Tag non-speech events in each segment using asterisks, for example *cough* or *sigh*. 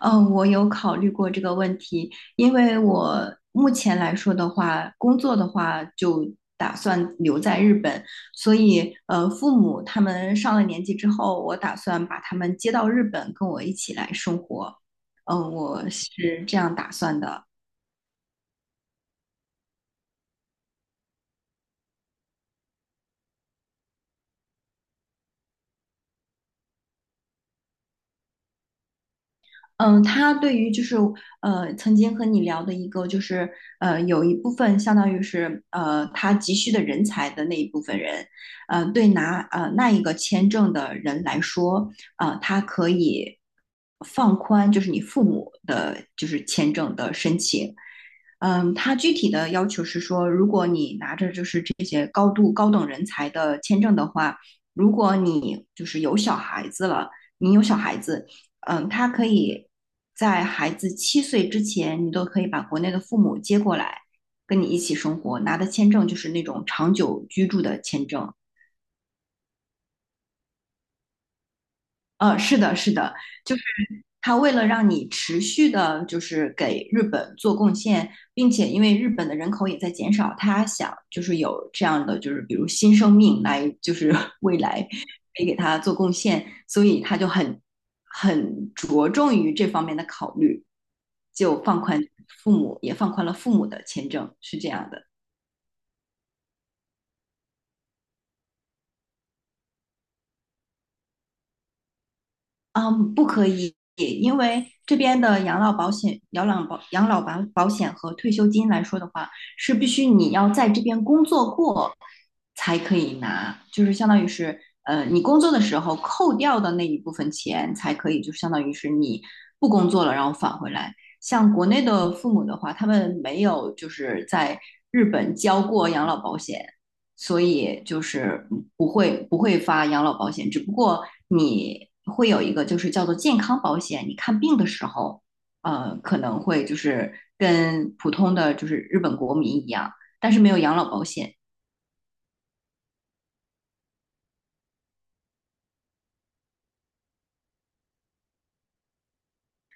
嗯，我有考虑过这个问题，因为我目前来说的话，工作的话就打算留在日本，所以父母他们上了年纪之后，我打算把他们接到日本跟我一起来生活。嗯，我是这样打算的。嗯，他对于就是曾经和你聊的一个就是有一部分相当于是他急需的人才的那一部分人，对拿那一个签证的人来说，他可以放宽就是你父母的就是签证的申请，嗯，他具体的要求是说，如果你拿着就是这些高度高等人才的签证的话，如果你就是有小孩子了，你有小孩子。嗯，他可以在孩子7岁之前，你都可以把国内的父母接过来，跟你一起生活，拿的签证就是那种长久居住的签证。是的，是的，就是他为了让你持续的，就是给日本做贡献，并且因为日本的人口也在减少，他想就是有这样的，就是比如新生命来，就是 *laughs* 未来可以给他做贡献，所以他就很着重于这方面的考虑，就放宽父母，也放宽了父母的签证，是这样的。嗯，不可以，因为这边的养老保险和退休金来说的话，是必须你要在这边工作过才可以拿，就是相当于是，你工作的时候扣掉的那一部分钱才可以，就相当于是你不工作了，然后返回来。像国内的父母的话，他们没有就是在日本交过养老保险，所以就是不会发养老保险，只不过你会有一个就是叫做健康保险，你看病的时候，可能会就是跟普通的就是日本国民一样，但是没有养老保险。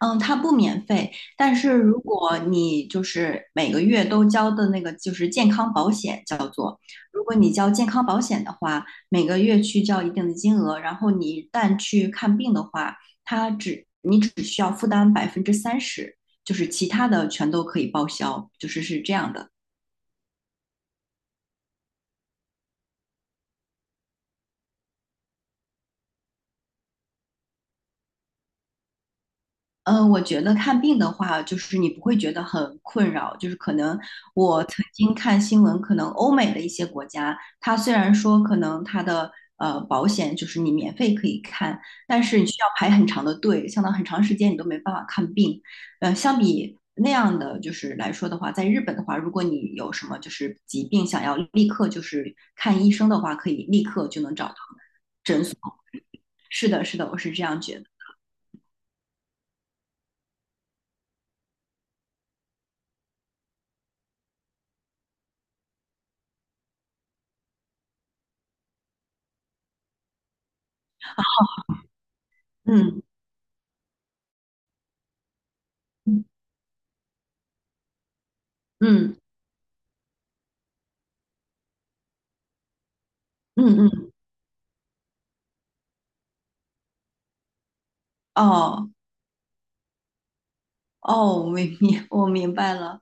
嗯，它不免费，但是如果你就是每个月都交的那个就是健康保险叫做，如果你交健康保险的话，每个月去交一定的金额，然后你一旦去看病的话，你只需要负担30%，就是其他的全都可以报销，就是是这样的。嗯，我觉得看病的话，就是你不会觉得很困扰。就是可能我曾经看新闻，可能欧美的一些国家，它虽然说可能它的保险就是你免费可以看，但是你需要排很长的队，相当很长时间你都没办法看病。相比那样的就是来说的话，在日本的话，如果你有什么就是疾病想要立刻就是看医生的话，可以立刻就能找到。是的，是的，我是这样觉得。嗯嗯嗯嗯，嗯哦。哦，我明明 *laughs* 我明白了，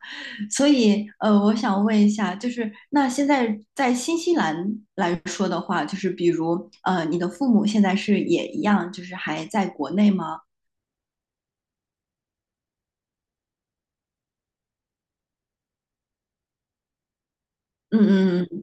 所以我想问一下，就是那现在在新西兰来说的话，就是比如你的父母现在是也一样，就是还在国内吗？嗯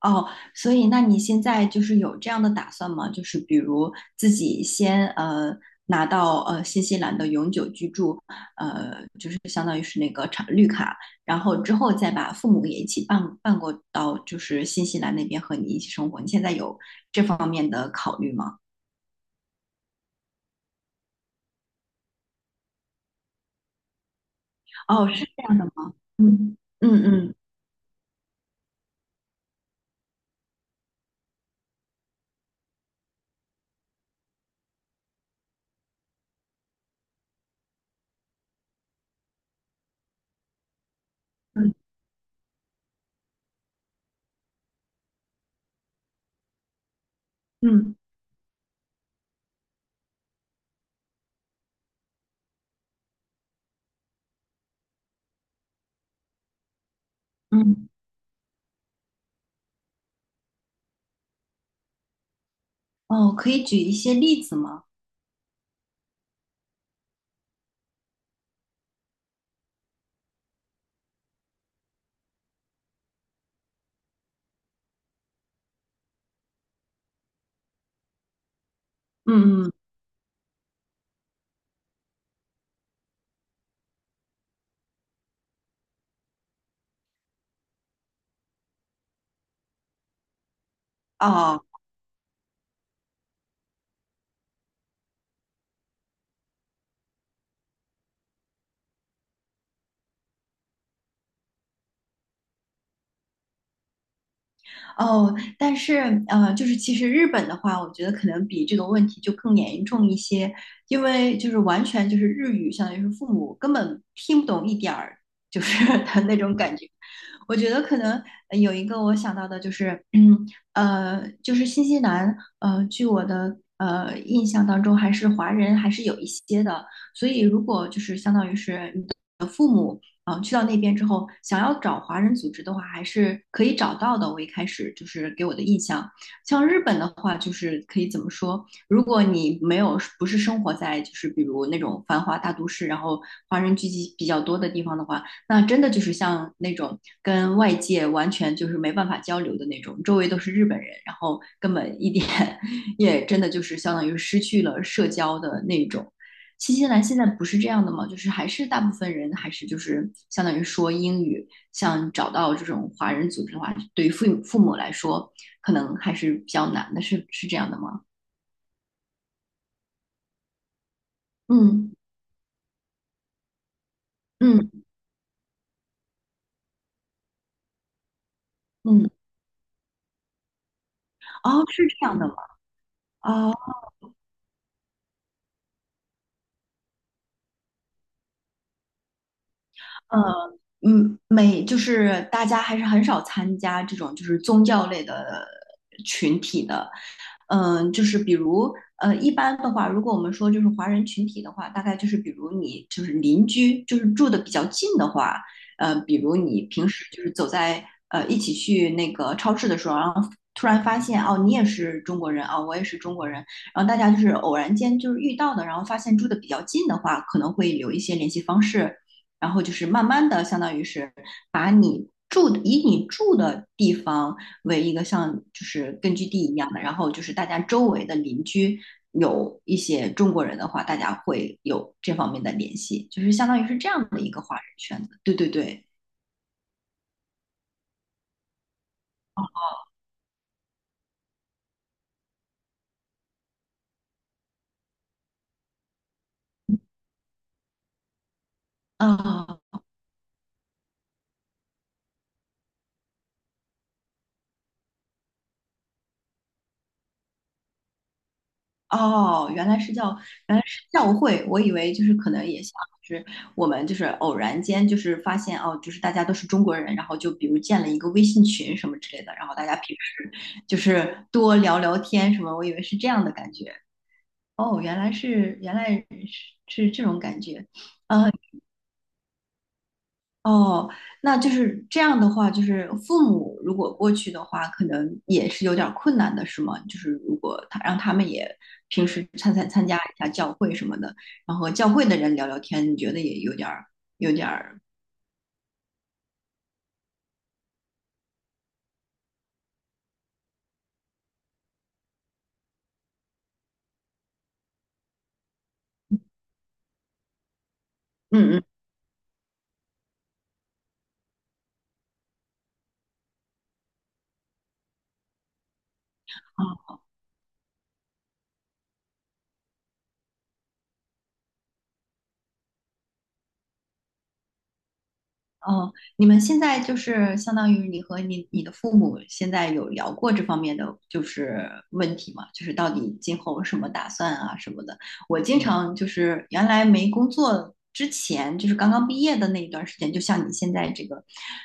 哦，所以那你现在就是有这样的打算吗？就是比如自己先拿到新西兰的永久居住，就是相当于是那个长绿卡，然后之后再把父母也一起办过到就是新西兰那边和你一起生活。你现在有这方面的考虑吗？哦，是这样的吗？嗯嗯嗯嗯嗯嗯，哦，可以举一些例子吗？嗯嗯，哦哦，但是就是其实日本的话，我觉得可能比这个问题就更严重一些，因为就是完全就是日语，相当于是父母根本听不懂一点儿，就是 *laughs* 的那种感觉。我觉得可能有一个我想到的就是，就是新西兰，据我的印象当中，还是华人还是有一些的，所以如果就是相当于是去到那边之后，想要找华人组织的话，还是可以找到的。我一开始就是给我的印象，像日本的话，就是可以怎么说？如果你没有不是生活在就是比如那种繁华大都市，然后华人聚集比较多的地方的话，那真的就是像那种跟外界完全就是没办法交流的那种，周围都是日本人，然后根本一点 *laughs* 也真的就是相当于失去了社交的那种。新西兰现在不是这样的吗？就是还是大部分人还是就是相当于说英语，像找到这种华人组织的话，对于父母来说，可能还是比较难的，是这样的吗？嗯嗯嗯，哦，是这样的吗？哦，呃，嗯，就是大家还是很少参加这种就是宗教类的群体的，就是比如一般的话，如果我们说就是华人群体的话，大概就是比如你就是邻居，就是住的比较近的话，比如你平时就是走在一起去那个超市的时候，然后突然发现哦，你也是中国人啊、我也是中国人，然后大家就是偶然间就是遇到的，然后发现住的比较近的话，可能会有一些联系方式，然后就是慢慢的，相当于是把你住以你住的地方为一个像就是根据地一样的，然后就是大家周围的邻居有一些中国人的话，大家会有这方面的联系，就是相当于是这样的一个华人圈子。对对对，啊、哦哦，原来是教会，我以为就是可能也像就是我们就是偶然间就是发现哦，就是大家都是中国人，然后就比如建了一个微信群什么之类的，然后大家平时就是多聊聊天什么，我以为是这样的感觉。哦，原来是是这种感觉。呃哦，那就是这样的话，就是父母如果过去的话，可能也是有点儿困难的，是吗？就是如果他让他们也平时参加一下教会什么的，然后和教会的人聊聊天，你觉得也有点儿，嗯嗯，嗯哦，你们现在就是相当于你和你的父母现在有聊过这方面的就是问题吗？就是到底今后什么打算啊什么的。我经常就是原来没工作之前，就是刚刚毕业的那一段时间，就像你现在这个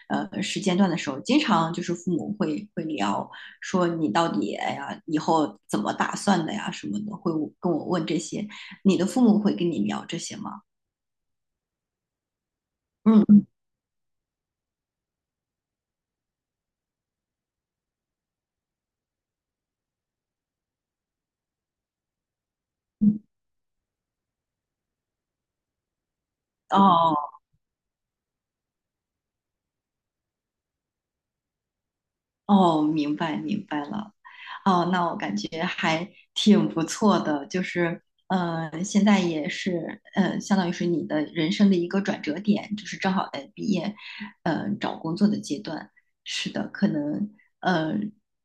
时间段的时候，经常就是父母会聊说你到底哎呀以后怎么打算的呀什么的，会跟我问这些。你的父母会跟你聊这些吗？嗯，嗯哦哦，明白了。哦，那我感觉还挺不错的，就是，现在也是，相当于是你的人生的一个转折点，就是正好在毕业，找工作的阶段。是的，可能，呃，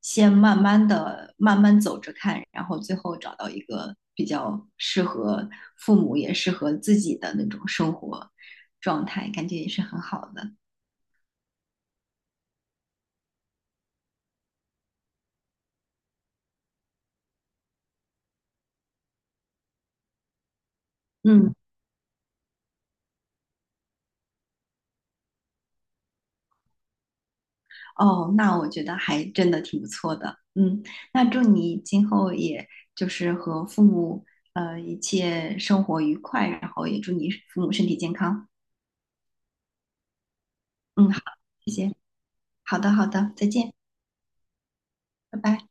先慢慢的、慢慢走着看，然后最后找到一个比较适合父母也适合自己的那种生活状态，感觉也是很好的。嗯。哦，那我觉得还真的挺不错的。嗯，那祝你今后也就是和父母一切生活愉快，然后也祝你父母身体健康。嗯，好，谢谢。好的，好的，再见，拜拜。